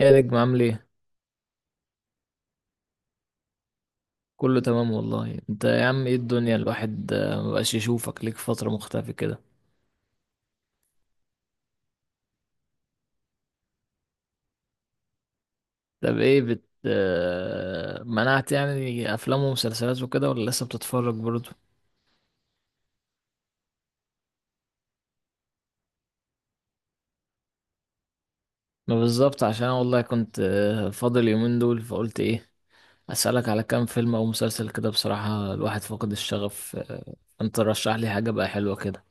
ايه يا نجم عامل ايه؟ كله تمام والله. انت يا عم ايه الدنيا الواحد مبقاش يشوفك، ليك فترة مختفي كده. طب ايه بت منعت يعني افلام ومسلسلات وكده ولا لسه بتتفرج برضه؟ ما بالظبط، عشان انا والله كنت فاضل يومين دول. فقلت ايه اسألك على كام فيلم او مسلسل كده. بصراحة الواحد فقد الشغف. انت رشح لي حاجة بقى حلوة كده.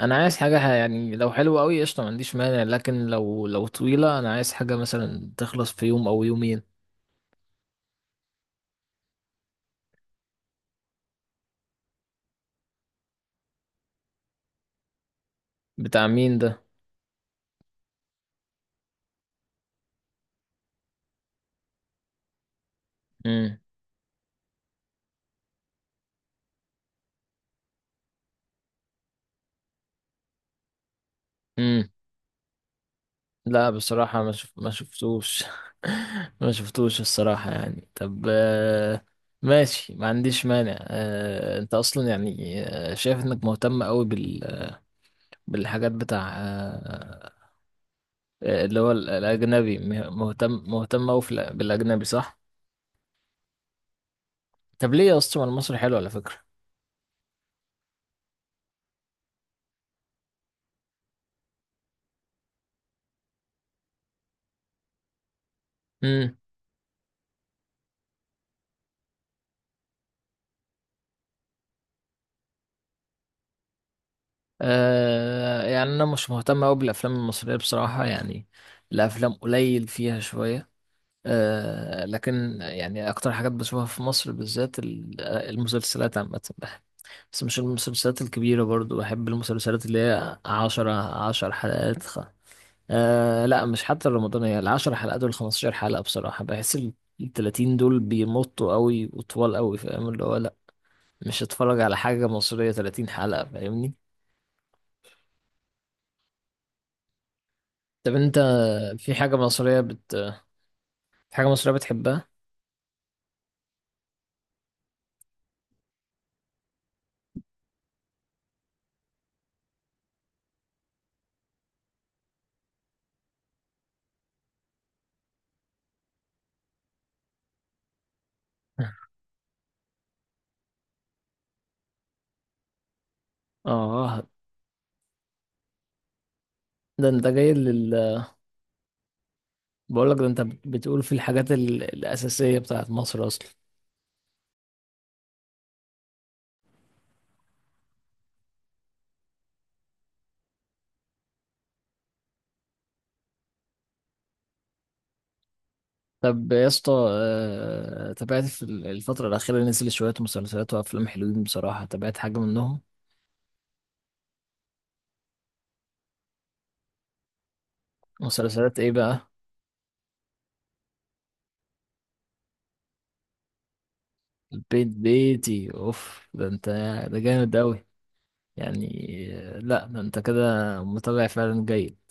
انا عايز حاجة يعني لو حلوة قوي قشطة ما عنديش مانع، لكن لو طويلة انا عايز حاجة مثلا تخلص في يوم او يومين. بتاع مين ده؟ امم، امم، لا بصراحة ما شفتوش. ما شفتوش الصراحة. يعني طب ماشي ما عنديش مانع. انت اصلا يعني شايف انك مهتم قوي بالحاجات بتاع، اللي هو الاجنبي، مهتم قوي في بالاجنبي صح؟ طب ليه يا اسطى؟ ما المصري حلو على فكرة. امم. آه يعني انا مش مهتم قوي بالافلام المصرية بصراحة. يعني الافلام قليل فيها شوية. آه لكن يعني أكتر حاجات بشوفها في مصر بالذات المسلسلات عامة. بس مش المسلسلات الكبيرة. برضو بحب المسلسلات اللي هي عشرة، عشر حلقات آه لا مش حتى الرمضانية. العشر حلقات والخمستاشر حلقة بصراحة بحس التلاتين دول بيمطوا قوي وطوال قوي. فاهم اللي هو لا، مش هتفرج على حاجة مصرية تلاتين حلقة، فاهمني؟ طب انت في حاجة مصرية في حاجة مصرية بتحبها؟ اه، ده انت جاي لل بقول لك ده انت بتقول في الحاجات الاساسيه بتاعت مصر اصلا. طب يا اسطى تابعت في الفتره الاخيره نزل شويه مسلسلات وافلام حلوين بصراحه؟ تابعت حاجه منهم؟ مسلسلات ايه بقى؟ البيت بيتي اوف! ده انت، ده جامد قوي يعني. لا ده انت كده متابع فعلا جيد.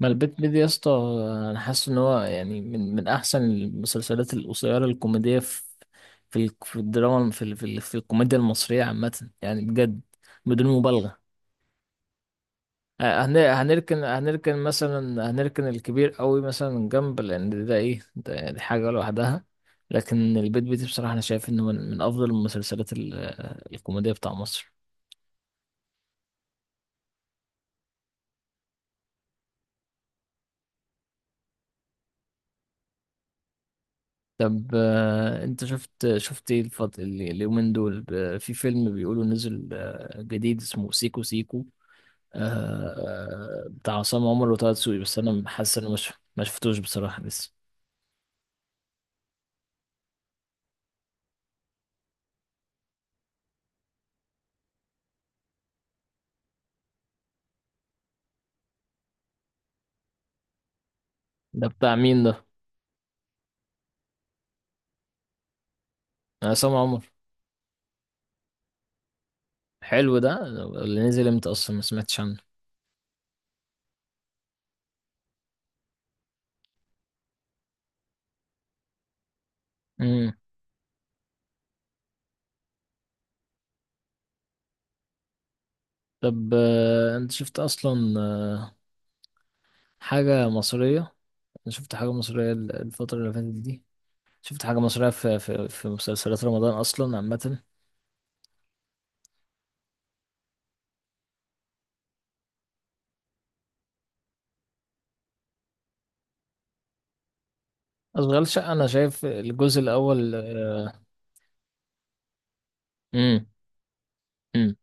ما البيت بيدي يا اسطى انا حاسس ان هو يعني من احسن المسلسلات القصيره الكوميديه في، في في الدراما، في في في الكوميديا المصريه عامه يعني، بجد بدون مبالغه. هنركن مثلا، هنركن الكبير قوي مثلا من جنب لان ده ايه؟ ده دي حاجه لوحدها. لكن البيت بيتي بصراحه انا شايف انه من من افضل المسلسلات الكوميديه بتاع مصر. طب انت شفت ايه اليومين دول في فيلم بيقولوا نزل جديد اسمه سيكو سيكو، بتاع عصام عمر وطه دسوقي؟ بس انا حاسس ان مش، ما شفتوش بصراحة لسه. ده بتاع مين ده؟ عصام عمر؟ حلو ده. اللي نزل امتى اصلا؟ ما سمعتش عنه. امم. طب انت شفت اصلا حاجة مصرية؟ انا شفت حاجة مصرية الفترة اللي فاتت دي. شفت حاجة مصرية في، في، في مسلسلات رمضان اصلا عامة؟ اشغال شقه انا شايف الجزء الاول. امم. امم.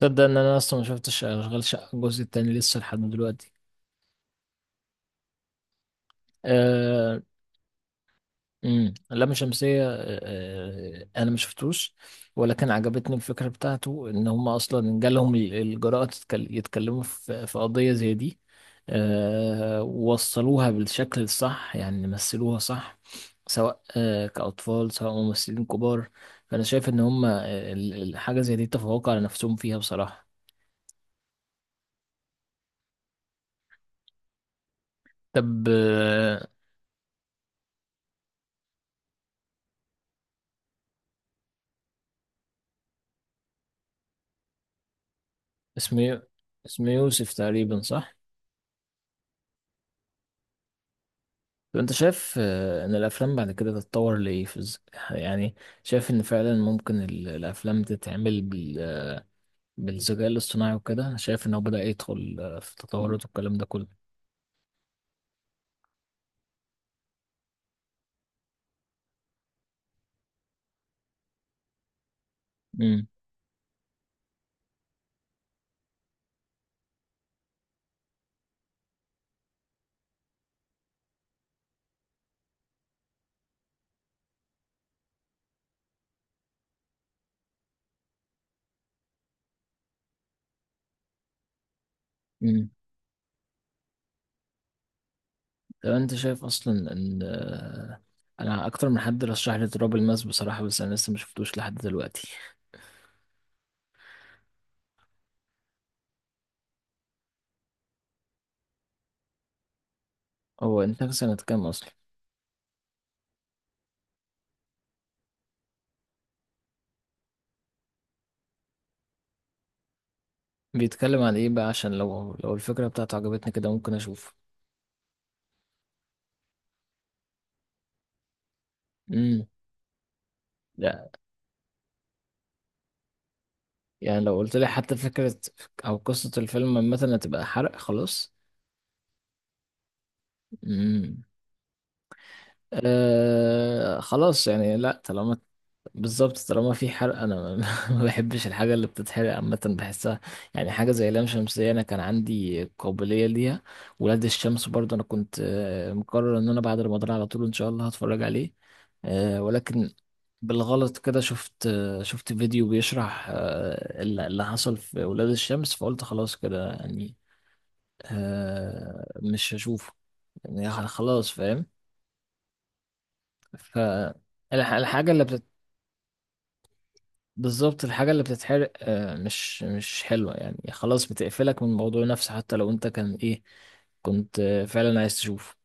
تصدق ان انا اصلا ما شفتش اشغال شقه الجزء التاني لسه لحد دلوقتي؟ آه، امم، اللام شمسية، انا ما شفتوش، ولكن عجبتني الفكرة بتاعته ان هم اصلا جالهم الجراءة يتكلموا في، في قضية زي دي. ووصلوها بالشكل الصح يعني، مثلوها صح، سواء كأطفال سواء ممثلين كبار. فانا شايف ان هم الحاجة زي دي تفوقوا على نفسهم فيها بصراحة. طب اسمه، اسمه يوسف تقريبا صح؟ طب انت شايف ان الافلام بعد كده تتطور لايه في يعني شايف ان فعلا ممكن الافلام تتعمل بالذكاء الاصطناعي وكده؟ أنا شايف ان هو بدأ يدخل في تطورات والكلام ده كله. امم. امم. طب انت شايف اصلا ان انا اكتر من حد رشح لي تراب الماس بصراحة، بس انا لسه ما شفتوش لحد دلوقتي. هو انت سنة كام اصلا؟ بيتكلم عن ايه بقى؟ عشان لو، لو الفكرة بتاعته عجبتني كده ممكن اشوف. امم. يعني لو قلت لي حتى فكرة أو قصة الفيلم مثلا تبقى حرق خلاص. امم. آه خلاص. يعني لا طالما، بالظبط طالما في حرق أنا ما ما بحبش الحاجة اللي بتتحرق عامة. بحسها يعني حاجة زي لام شمسية، أنا كان عندي قابلية ليها. ولاد الشمس برضه أنا كنت مقرر إن أنا بعد رمضان على طول إن شاء الله هتفرج عليه. آه ولكن بالغلط كده شفت شفت فيديو بيشرح اللي حصل في ولاد الشمس، فقلت خلاص كده يعني. آه مش هشوفه يعني خلاص، فاهم؟ فالحاجة اللي بتت... بالظبط الحاجة اللي بتتحرق آه مش حلوة. يعني خلاص بتقفلك من الموضوع نفسه حتى لو انت كان ايه، كنت فعلا عايز تشوفه.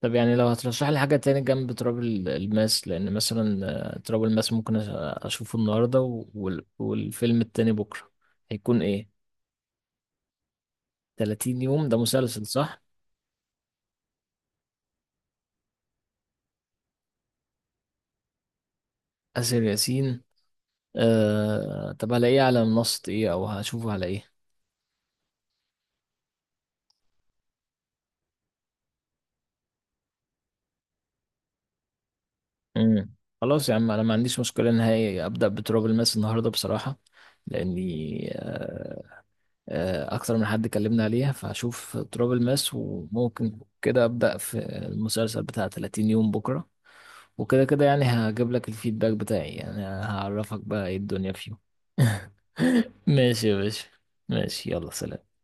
طب يعني لو هترشح لي حاجة تاني جنب تراب الماس، لأن مثلا تراب الماس ممكن أشوفه النهاردة والفيلم التاني بكرة، هيكون إيه؟ 30 يوم ده مسلسل صح؟ آسر ياسين. آه... طب هلاقيه على منصة إيه أو هشوفه على إيه؟ امم. خلاص يا عم انا ما عنديش مشكله نهائي ابدا. بتراب الماس النهارده بصراحه، لاني اكتر من حد كلمنا عليها، فهشوف تراب الماس وممكن كده ابدا في المسلسل بتاع 30 يوم بكره. وكده كده يعني هجيب لك الفيدباك بتاعي، يعني هعرفك بقى ايه الدنيا فيه. ماشي يا باشا. ماشي يلا سلام.